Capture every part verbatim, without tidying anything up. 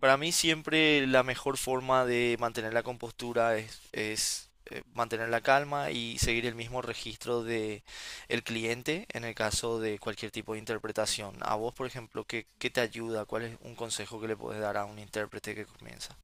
Para mí siempre la mejor forma de mantener la compostura es, es, eh, mantener la calma y seguir el mismo registro de el cliente en el caso de cualquier tipo de interpretación. A vos, por ejemplo, ¿qué, qué te ayuda? ¿Cuál es un consejo que le podés dar a un intérprete que comienza?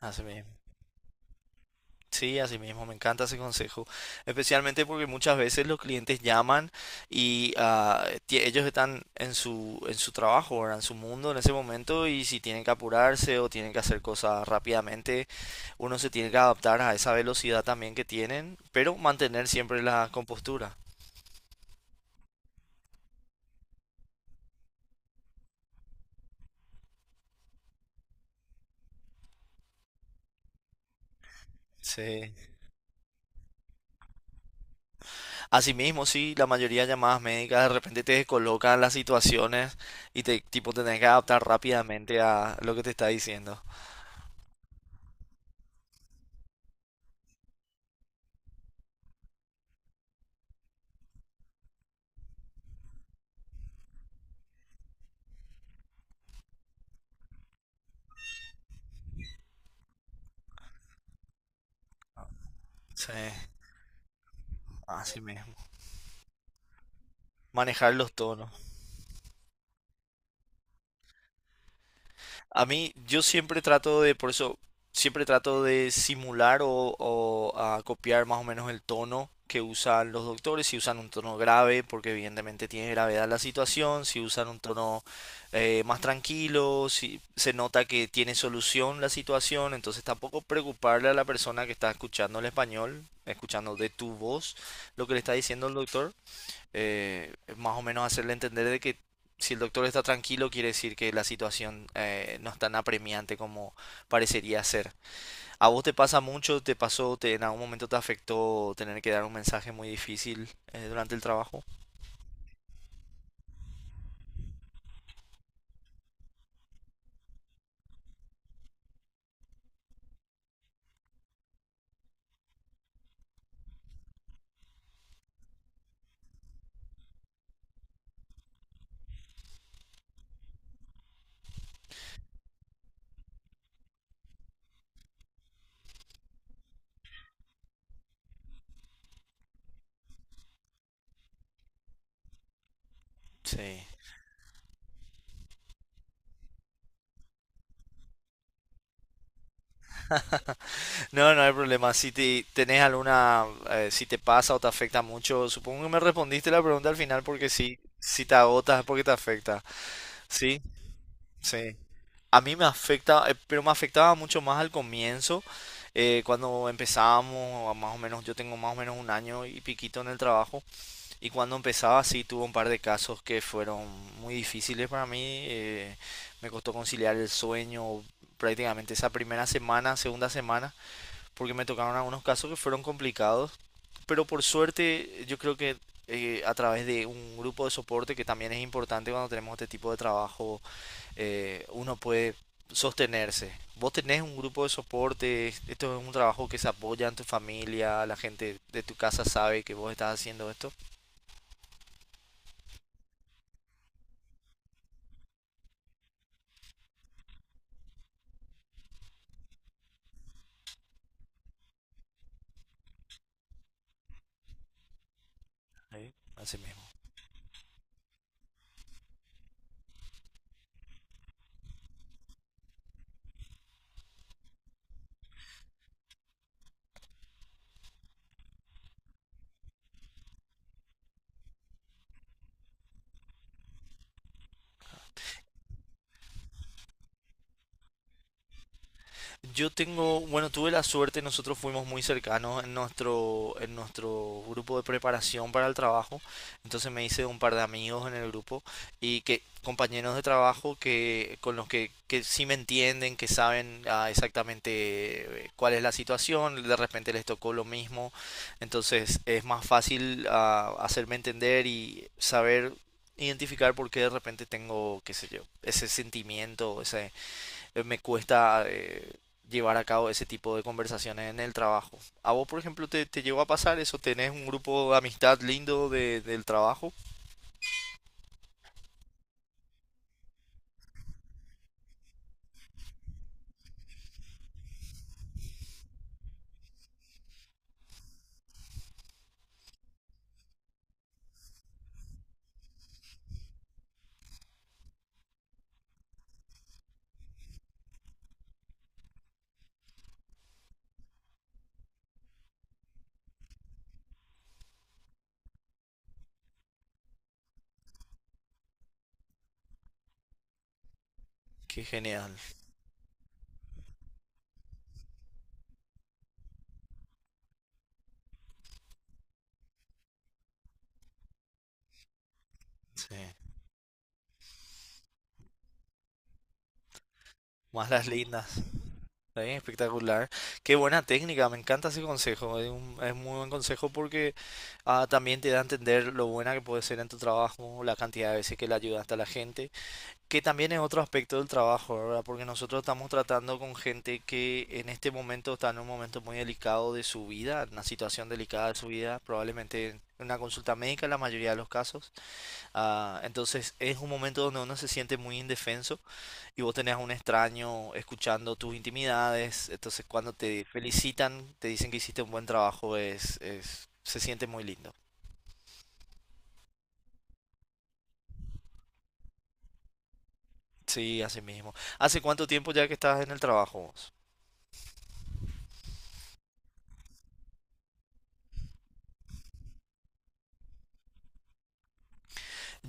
Así mismo. Sí, así mismo, me encanta ese consejo, especialmente porque muchas veces los clientes llaman y ah, ti- ellos están en su, en su trabajo, ¿verdad? En su mundo en ese momento y si tienen que apurarse o tienen que hacer cosas rápidamente, uno se tiene que adaptar a esa velocidad también que tienen, pero mantener siempre la compostura. Sí. Asimismo, sí, la mayoría de llamadas médicas de repente te descolocan las situaciones y te tipo tenés que adaptar rápidamente a lo que te está diciendo. Sí, así mismo. Manejar los tonos. A mí, yo siempre trato de, por eso, siempre trato de simular o, o, ah, copiar más o menos el tono que usan los doctores, si usan un tono grave, porque evidentemente tiene gravedad la situación, si usan un tono eh, más tranquilo, si se nota que tiene solución la situación, entonces tampoco preocuparle a la persona que está escuchando el español, escuchando de tu voz lo que le está diciendo el doctor, eh, más o menos hacerle entender de que si el doctor está tranquilo, quiere decir que la situación eh, no es tan apremiante como parecería ser. ¿A vos te pasa mucho? ¿Te pasó? Te, ¿En algún momento te afectó tener que dar un mensaje muy difícil eh, durante el trabajo? Sí. No, no hay problema. Si te, tenés alguna, eh, si te pasa o te afecta mucho, supongo que me respondiste la pregunta al final porque sí, si te agotas es porque te afecta. Sí, sí, a mí me afecta, eh, pero me afectaba mucho más al comienzo, eh, cuando empezábamos, más o menos, yo tengo más o menos un año y piquito en el trabajo, y cuando empezaba sí tuve un par de casos que fueron muy difíciles para mí, eh, me costó conciliar el sueño prácticamente esa primera semana, segunda semana, porque me tocaron algunos casos que fueron complicados, pero por suerte yo creo que eh, a través de un grupo de soporte que también es importante cuando tenemos este tipo de trabajo, eh, uno puede sostenerse. Vos tenés un grupo de soporte, esto es un trabajo que se apoya en tu familia, la gente de tu casa sabe que vos estás haciendo esto. Sí. Así mismo. Yo tengo, bueno, tuve la suerte, nosotros fuimos muy cercanos en nuestro, en nuestro grupo de preparación para el trabajo, entonces me hice un par de amigos en el grupo y que compañeros de trabajo que con los que, que sí me entienden, que saben ah, exactamente eh, cuál es la situación, de repente les tocó lo mismo, entonces es más fácil ah, hacerme entender y saber identificar por qué de repente tengo, qué sé yo, ese sentimiento, esa eh, me cuesta eh, llevar a cabo ese tipo de conversaciones en el trabajo. ¿A vos, por ejemplo, te, te llegó a pasar eso? ¿Tenés un grupo de amistad lindo de- del trabajo? Qué genial. Sí. Más las lindas. Sí, espectacular. Qué buena técnica, me encanta ese consejo. Es un, es muy buen consejo porque ah, también te da a entender lo buena que puede ser en tu trabajo, la cantidad de veces que le ayudaste a la gente. Que también es otro aspecto del trabajo, ¿verdad? Porque nosotros estamos tratando con gente que en este momento está en un momento muy delicado de su vida, una situación delicada de su vida, probablemente en una consulta médica en la mayoría de los casos. Ah, entonces es un momento donde uno se siente muy indefenso y vos tenés a un extraño escuchando tus intimidades. Entonces cuando te felicitan, te dicen que hiciste un buen trabajo, es, es, se siente muy lindo. Sí, así mismo. ¿Hace cuánto tiempo ya que estás en el trabajo vos?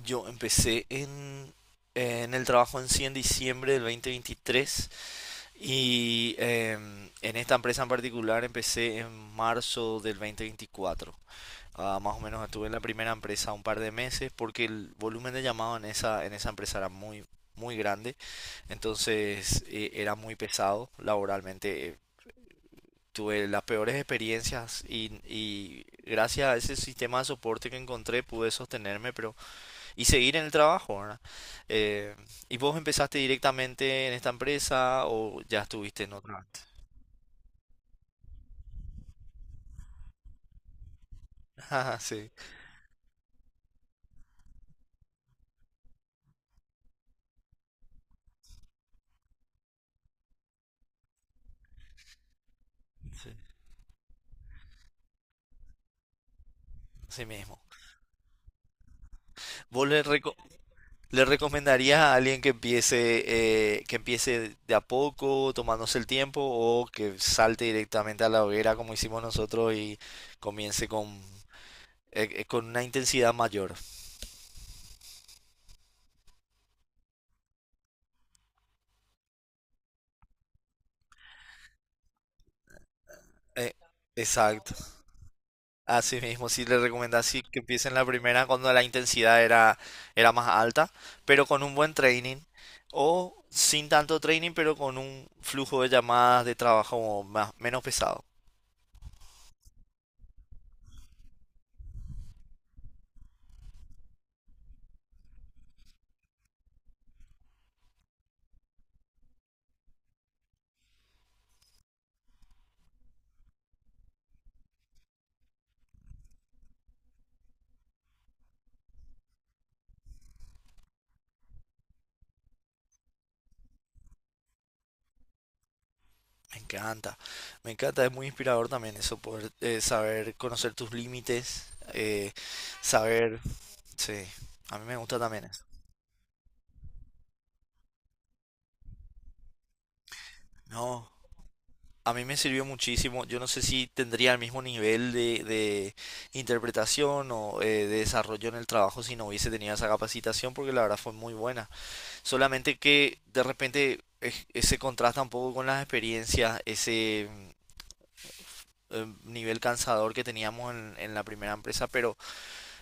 Yo empecé en, en el trabajo en sí en diciembre del dos mil veintitrés y em, en esta empresa en particular empecé en marzo del dos mil veinticuatro. Ah, más o menos estuve en la primera empresa un par de meses porque el volumen de llamado en esa, en esa empresa era muy, muy grande, entonces eh, era muy pesado laboralmente. eh, Tuve las peores experiencias y, y gracias a ese sistema de soporte que encontré pude sostenerme, pero y seguir en el trabajo, ¿verdad? Eh, ¿y vos empezaste directamente en esta empresa o ya estuviste en otra antes? Ah, sí, sí, así mismo. ¿Vos le, reco- le recomendarías a alguien que empiece, eh, que empiece de a poco, tomándose el tiempo, o que salte directamente a la hoguera como hicimos nosotros y comience con, eh, eh, con una intensidad mayor? Eh, Exacto. Así mismo, sí le recomendás sí, que empiecen la primera cuando la intensidad era, era más alta, pero con un buen training o sin tanto training, pero con un flujo de llamadas de trabajo más, menos pesado. Me encanta, me encanta, es muy inspirador también eso, poder eh, saber conocer tus límites, eh, saber, sí, a mí me gusta también eso. No. A mí me sirvió muchísimo. Yo no sé si tendría el mismo nivel de, de interpretación o eh, de desarrollo en el trabajo si no hubiese tenido esa capacitación, porque la verdad fue muy buena. Solamente que de repente es- ese contrasta un poco con las experiencias, ese mm, eh, nivel cansador que teníamos en, en la primera empresa, pero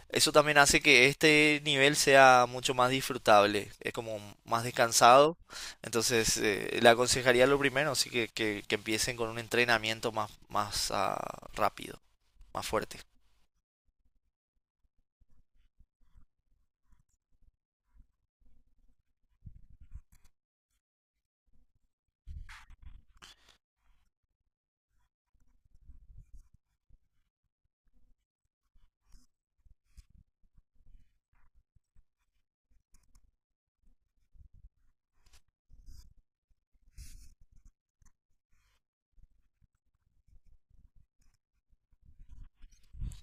eso también hace que este nivel sea mucho más disfrutable, es como más descansado. Entonces, eh, le aconsejaría lo primero, así que, que, que empiecen con un entrenamiento más, más ah, rápido, más fuerte.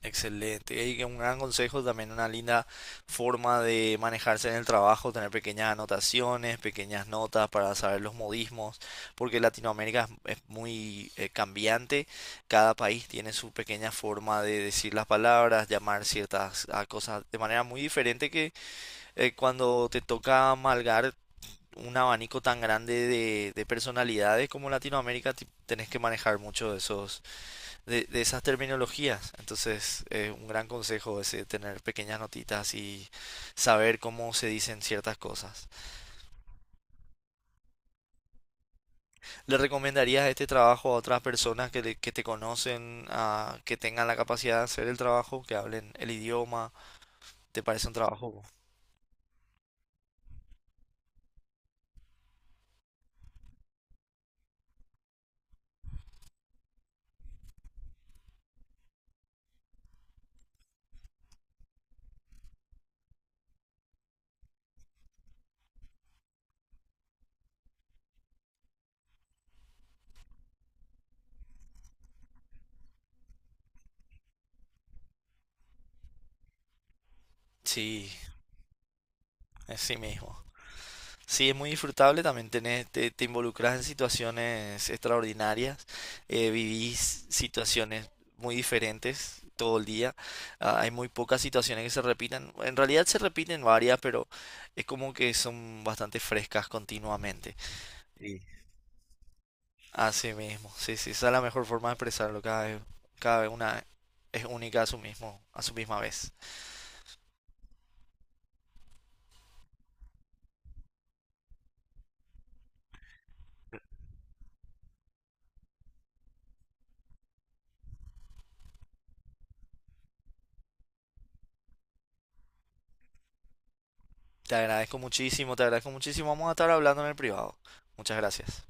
Excelente. Y un gran consejo, también una linda forma de manejarse en el trabajo, tener pequeñas anotaciones, pequeñas notas para saber los modismos, porque Latinoamérica es es muy eh, cambiante. Cada país tiene su pequeña forma de decir las palabras, llamar ciertas ah, cosas de manera muy diferente que eh, cuando te toca amalgar un abanico tan grande de, de personalidades como Latinoamérica, ti- tenés que manejar mucho de esos de, de esas terminologías. Entonces, eh, un gran consejo es eh, tener pequeñas notitas y saber cómo se dicen ciertas cosas. ¿Le recomendarías este trabajo a otras personas que, le- que te conocen, a, que tengan la capacidad de hacer el trabajo, que hablen el idioma? ¿Te parece un trabajo? Sí, así mismo. Sí, es muy disfrutable, también tenés, te, te involucras en situaciones extraordinarias, eh, vivís situaciones muy diferentes todo el día, ah, hay muy pocas situaciones que se repitan, en realidad se repiten varias, pero es como que son bastante frescas continuamente. Sí. Así mismo, sí, sí, esa es la mejor forma de expresarlo, cada vez, cada vez una es única a su mismo, a su misma vez. Te agradezco muchísimo, te agradezco muchísimo, vamos a estar hablando en el privado. Muchas gracias.